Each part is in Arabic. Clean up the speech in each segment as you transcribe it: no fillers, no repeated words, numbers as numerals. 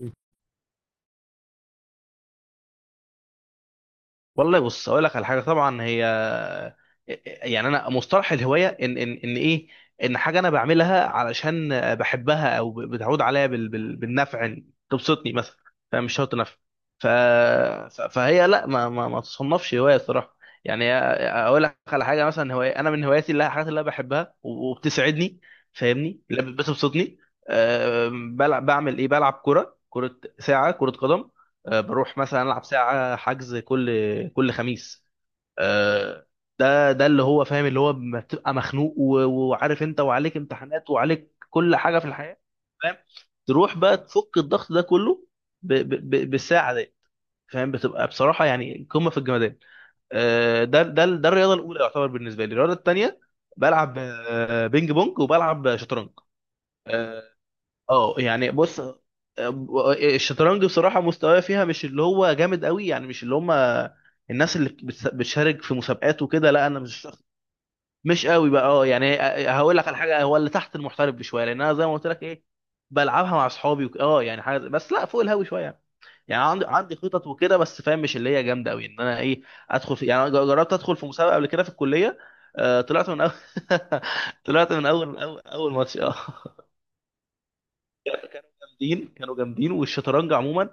م. والله بص اقول لك على حاجه. طبعا هي يعني انا مصطلح الهوايه ان ايه، ان حاجه انا بعملها علشان بحبها او بتعود عليا بالنفع، إن تبسطني مثلا، فمش شرط نفع. فهي لا ما تصنفش هوايه الصراحه. يعني اقول لك على حاجه، مثلا هوايه، انا من هواياتي اللي هي الحاجات اللي انا بحبها وبتسعدني، فاهمني؟ اللي بتبسطني. أه بلعب، بعمل ايه؟ بلعب كره، ساعه كره قدم. بروح مثلا العب ساعه حجز كل كل خميس. آه، ده اللي هو فاهم، اللي هو ما بتبقى مخنوق وعارف انت وعليك امتحانات وعليك كل حاجه في الحياه، فاهم؟ تروح بقى تفك الضغط ده كله ب بالساعه دي. فاهم؟ بتبقى بصراحه يعني قمه في الجمدان. ده الرياضه الاولى يعتبر بالنسبه لي. الرياضه الثانيه بلعب بينج بونج، وبلعب شطرنج. آه، اه يعني بص، الشطرنج بصراحة مستواي فيها مش اللي هو جامد قوي، يعني مش اللي هم الناس اللي بتشارك في مسابقات وكده، لا انا مش مش قوي بقى. اه يعني هقول لك على حاجة، هو اللي تحت المحترف بشوية، لان انا زي ما قلت لك ايه، بلعبها مع اصحابي اه يعني حاجة، بس لا فوق الهاوي شوية يعني. يعني عندي خطط وكده، بس فاهم مش اللي هي جامدة قوي ان انا ايه، ادخل في، يعني أنا جربت ادخل في مسابقة قبل كده في الكلية. طلعت من اول طلعت من أول ماتش اه. جامدين، كانوا جامدين. والشطرنج عموما،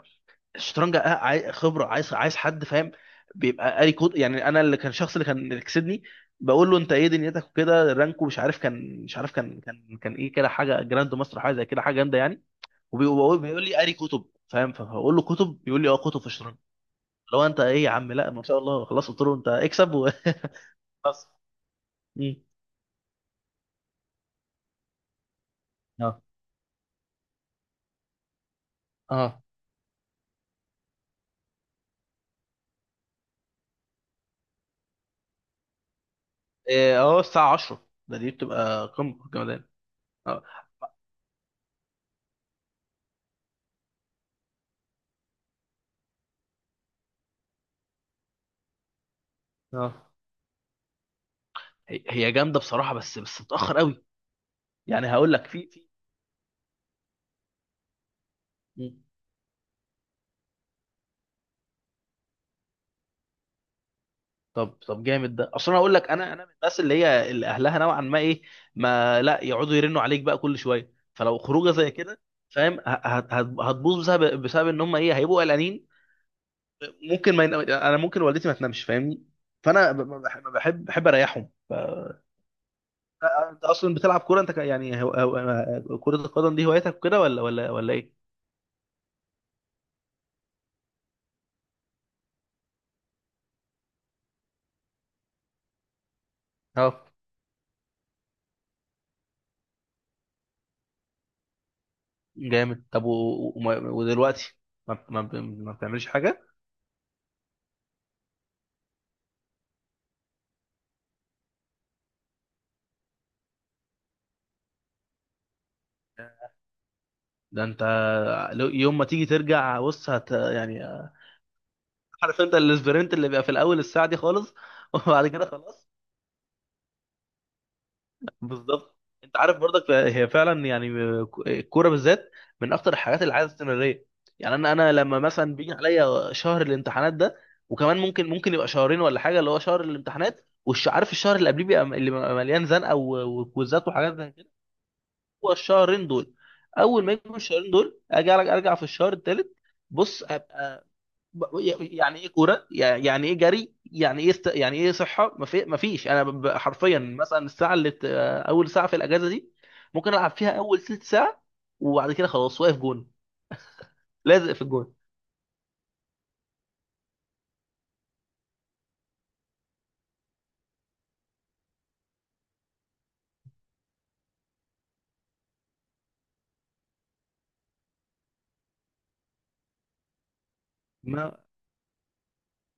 الشطرنج خبره، عايز حد فاهم، بيبقى قاري كود. يعني انا اللي كان، الشخص اللي كان اللي كسبني، بقول له انت ايه دنيتك وكده، رانكو مش عارف، كان مش عارف، كان ايه كده، حاجه جراند ماستر حاجه زي كده، حاجه جامده يعني. بيقول لي قاري كتب، فاهم؟ فبقول له كتب؟ بيقول لي اه، كتب في الشطرنج. لو انت ايه يا عم؟ لا ما شاء الله، خلاص قلت له انت اكسب وخلاص مم. اه اه إيه، اه الساعه 10، ده دي بتبقى قمه في الجمدان. اه اه هي هي جامده بصراحه، بس بس متاخر قوي. يعني هقول لك في مم. طب جامد ده. اصل انا هقول لك، انا انا من الناس اللي هي اللي اهلها نوعا ما ايه، ما لا يقعدوا يرنوا عليك بقى كل شويه. فلو خروجه زي كده، فاهم هتبوظ، بسبب ان هم ايه، هيبقوا قلقانين. ممكن ما ين- انا ممكن والدتي ما تنامش، فاهمني؟ فانا بحب اريحهم. انت اصلا بتلعب كوره انت، يعني هو، هو كره القدم دي هوايتك كده، ولا ايه؟ اه جامد. ودلوقتي ما بتعملش حاجة؟ ده انت يوم ما تيجي ترجع بص يعني عارف انت الاسبرنت اللي بيبقى في الاول الساعة دي خالص وبعد كده خلاص. بالظبط. انت عارف برضك هي فعلا يعني الكورة بالذات من اكتر الحاجات اللي عايزة استمرارية. يعني انا لما مثلا بيجي عليا شهر الامتحانات ده، وكمان ممكن يبقى شهرين ولا حاجة، اللي هو شهر الامتحانات وعارف الشهر اللي قبليه بيبقى، اللي بيبقى مليان زنقة وكويزات وحاجات زي كده، هو الشهرين دول، اول ما يجوا الشهرين دول اجي ارجع، ارجع في الشهر الثالث. بص ابقى ب- يعني ايه كوره، يعني ايه جري، يعني ايه يعني ايه صحه، ما فيش. انا حرفيا مثلا الساعه اللي اول ساعه في الاجازه دي ممكن العب فيها اول ثلث ساعه، وبعد كده خلاص واقف جون، لازق في الجون. ما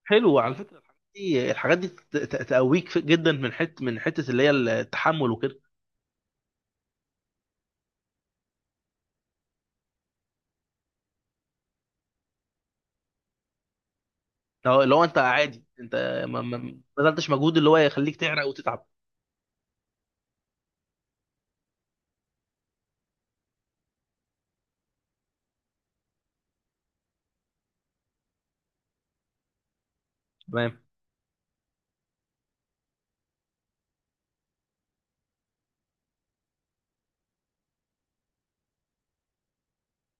حلو على فكره، الحاجات دي، الحاجات دي تقويك جدا من حته، اللي هي التحمل وكده. لو انت عادي انت ما بذلتش مجهود اللي هو يخليك تعرق وتتعب. تمام.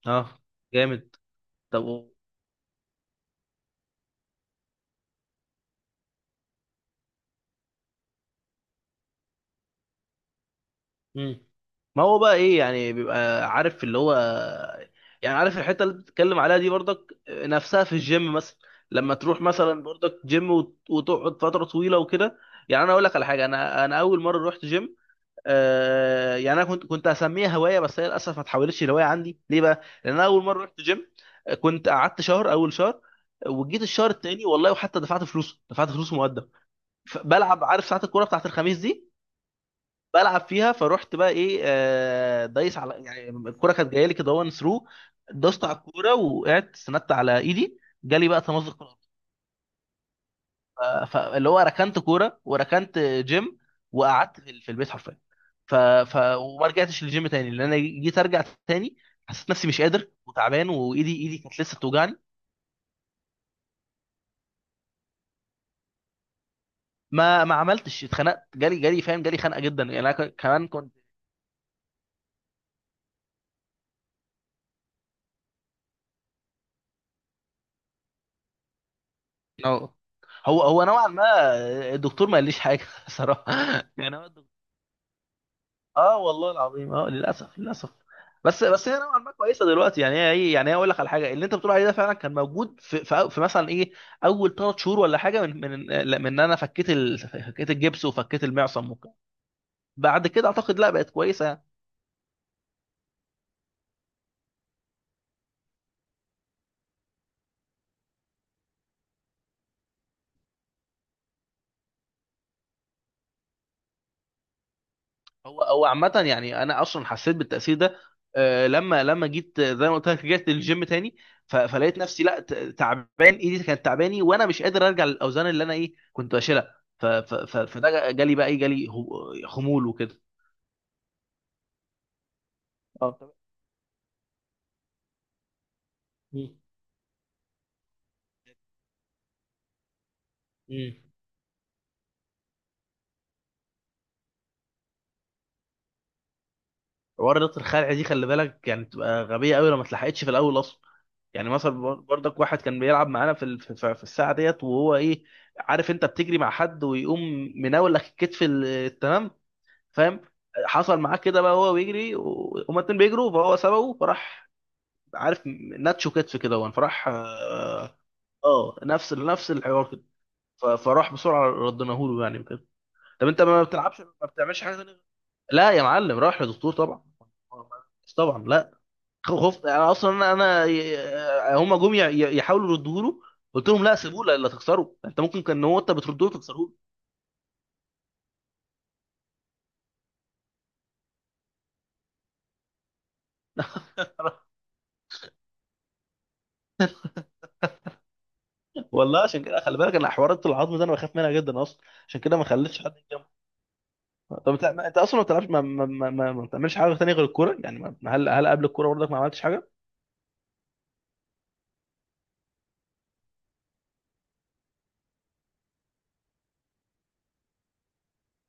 اه جامد. طب مم. ما هو بقى ايه يعني، بيبقى عارف اللي هو، يعني عارف الحته اللي بتتكلم عليها دي برضك نفسها في الجيم مثلا، لما تروح مثلا برضك جيم وتقعد فتره طويله وكده. يعني انا اقول لك على حاجه، انا اول مره رحت جيم، يعني انا كنت هسميها هوايه، بس هي للاسف ما اتحولتش لهوايه عندي. ليه بقى؟ لان انا اول مره رحت جيم كنت قعدت شهر، اول شهر، وجيت الشهر التاني والله، وحتى دفعت فلوسه، دفعت فلوسه مقدم. بلعب، عارف ساعات الكوره بتاعت الخميس دي، بلعب فيها. فروحت بقى ايه، دايس على، يعني الكوره كانت جايه لي كده، وان ثرو دوست على الكوره، وقعدت استندت على ايدي، جالي بقى تمزق في الأرض. ف- فاللي هو ركنت كوره وركنت جيم، وقعدت في البيت حرفيا. ف... وما رجعتش للجيم تاني، لان انا جيت ارجع تاني حسيت نفسي مش قادر وتعبان، ايدي كانت لسه بتوجعني. ما عملتش. اتخنقت، جالي جالي فاهم؟ جالي خنقه جدا. يعني انا كمان كنت، هو هو نوعا ما الدكتور ما قاليش حاجه صراحه. يعني هو، اه والله العظيم، اه للاسف بس بس هي نوعا ما كويسه دلوقتي، يعني هي ايه، يعني هي اقول لك على حاجه، اللي انت بتقول عليه ده فعلا كان موجود في مثلا ايه، اول ثلاث شهور ولا حاجه من ان انا فكيت الجبس وفكيت المعصم وكده، بعد كده اعتقد لا بقت كويسه يعني. هو عامة، يعني أنا أصلا حسيت بالتأثير ده. لما جيت، زي ما قلت لك رجعت للجيم تاني، فلقيت نفسي لا تعبان، إيدي كانت تعباني، وأنا مش قادر أرجع للأوزان اللي أنا إيه كنت بشيلها. فده جالي بقى إيه، جالي خمول وكده. اه مم. امم. حوار رياضة الخلع دي خلي بالك، يعني بتبقى غبية قوي لو ما اتلحقتش في الأول أصلا. يعني مثلا برضك واحد كان بيلعب معانا في في الساعة ديت، وهو إيه عارف أنت بتجري مع حد ويقوم مناول لك الكتف تمام، فاهم؟ حصل معاه كده بقى، وهو بيجري هما الاتنين بيجروا فهو سبقه فراح، عارف، ناتشو كتف كده وان فراح اه، نفس الحوار كده. فراح بسرعه ردناه له يعني كده. طب انت ما بتلعبش، ما بتعملش حاجه تانيه؟ لا يا معلم، راح لدكتور طبعا. طبعا لا، خفت انا اصلا، انا هما جم يحاولوا يردوه له، قلت لهم لا سيبوه، لا لا تكسره انت، ممكن كان هو انت بتردوه تكسروه والله عشان كده خلي بالك، انا حوارات العظم ده انا بخاف منها جدا اصلا. عشان كده ما خليتش حد. طب انت انت اصلا ما بتلعبش، ما بتعملش حاجه تانية غير الكوره يعني؟ هل قبل الكوره برضك ما عملتش حاجه؟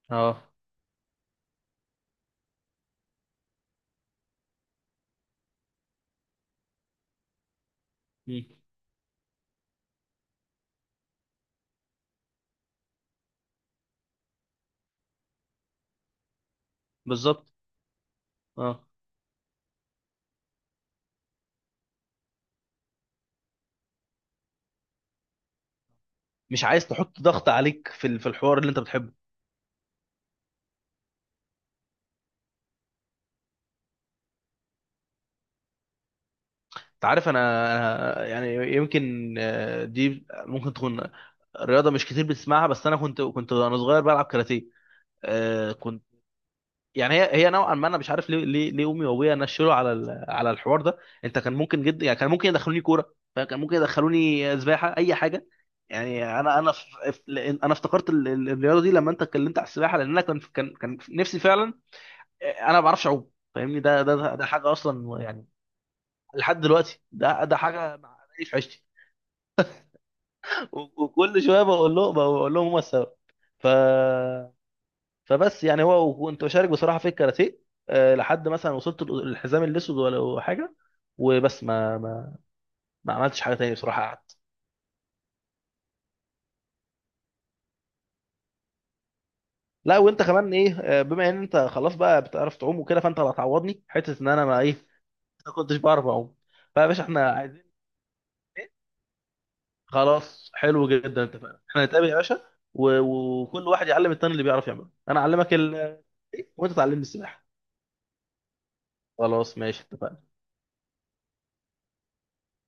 اه مم. بالظبط. اه مش عايز تحط ضغط عليك في في الحوار اللي انت بتحبه. انت عارف انا، انا يعني يمكن، دي ممكن تكون رياضه مش كتير بتسمعها، بس انا كنت وانا صغير بلعب كاراتيه. يعني هي نوعا ما، انا مش عارف ليه امي وابويا نشلوا على على الحوار ده. انت كان ممكن جدا، يعني كان ممكن يدخلوني كوره، فكان ممكن يدخلوني سباحه، اي حاجه. يعني لأن انا افتكرت الرياضه دي لما انت اتكلمت على السباحه، لان انا كان نفسي فعلا، انا ما بعرفش اعوم فاهمني؟ ده حاجه اصلا يعني، لحد دلوقتي، ده ده حاجه في عشتي وكل شويه بقول لهم، هم السبب. ف فبس يعني، هو وكنت بشارك بصراحه في الكاراتيه، لحد مثلا وصلت الحزام الاسود ولا حاجه، وبس ما عملتش حاجه تاني بصراحه، قعدت. لا وانت كمان ايه، بما ان انت خلاص بقى بتعرف تعوم وكده، فانت اللي هتعوضني حته ان انا ما ايه، ما كنتش بعرف اعوم، فيا باشا احنا عايزين. خلاص، حلو جدا، اتفقنا، احنا نتقابل يا باشا. و- وكل واحد يعلم التاني اللي بيعرف يعمله، انا اعلمك إيه، وانت تعلمني السباحه. خلاص ماشي اتفقنا.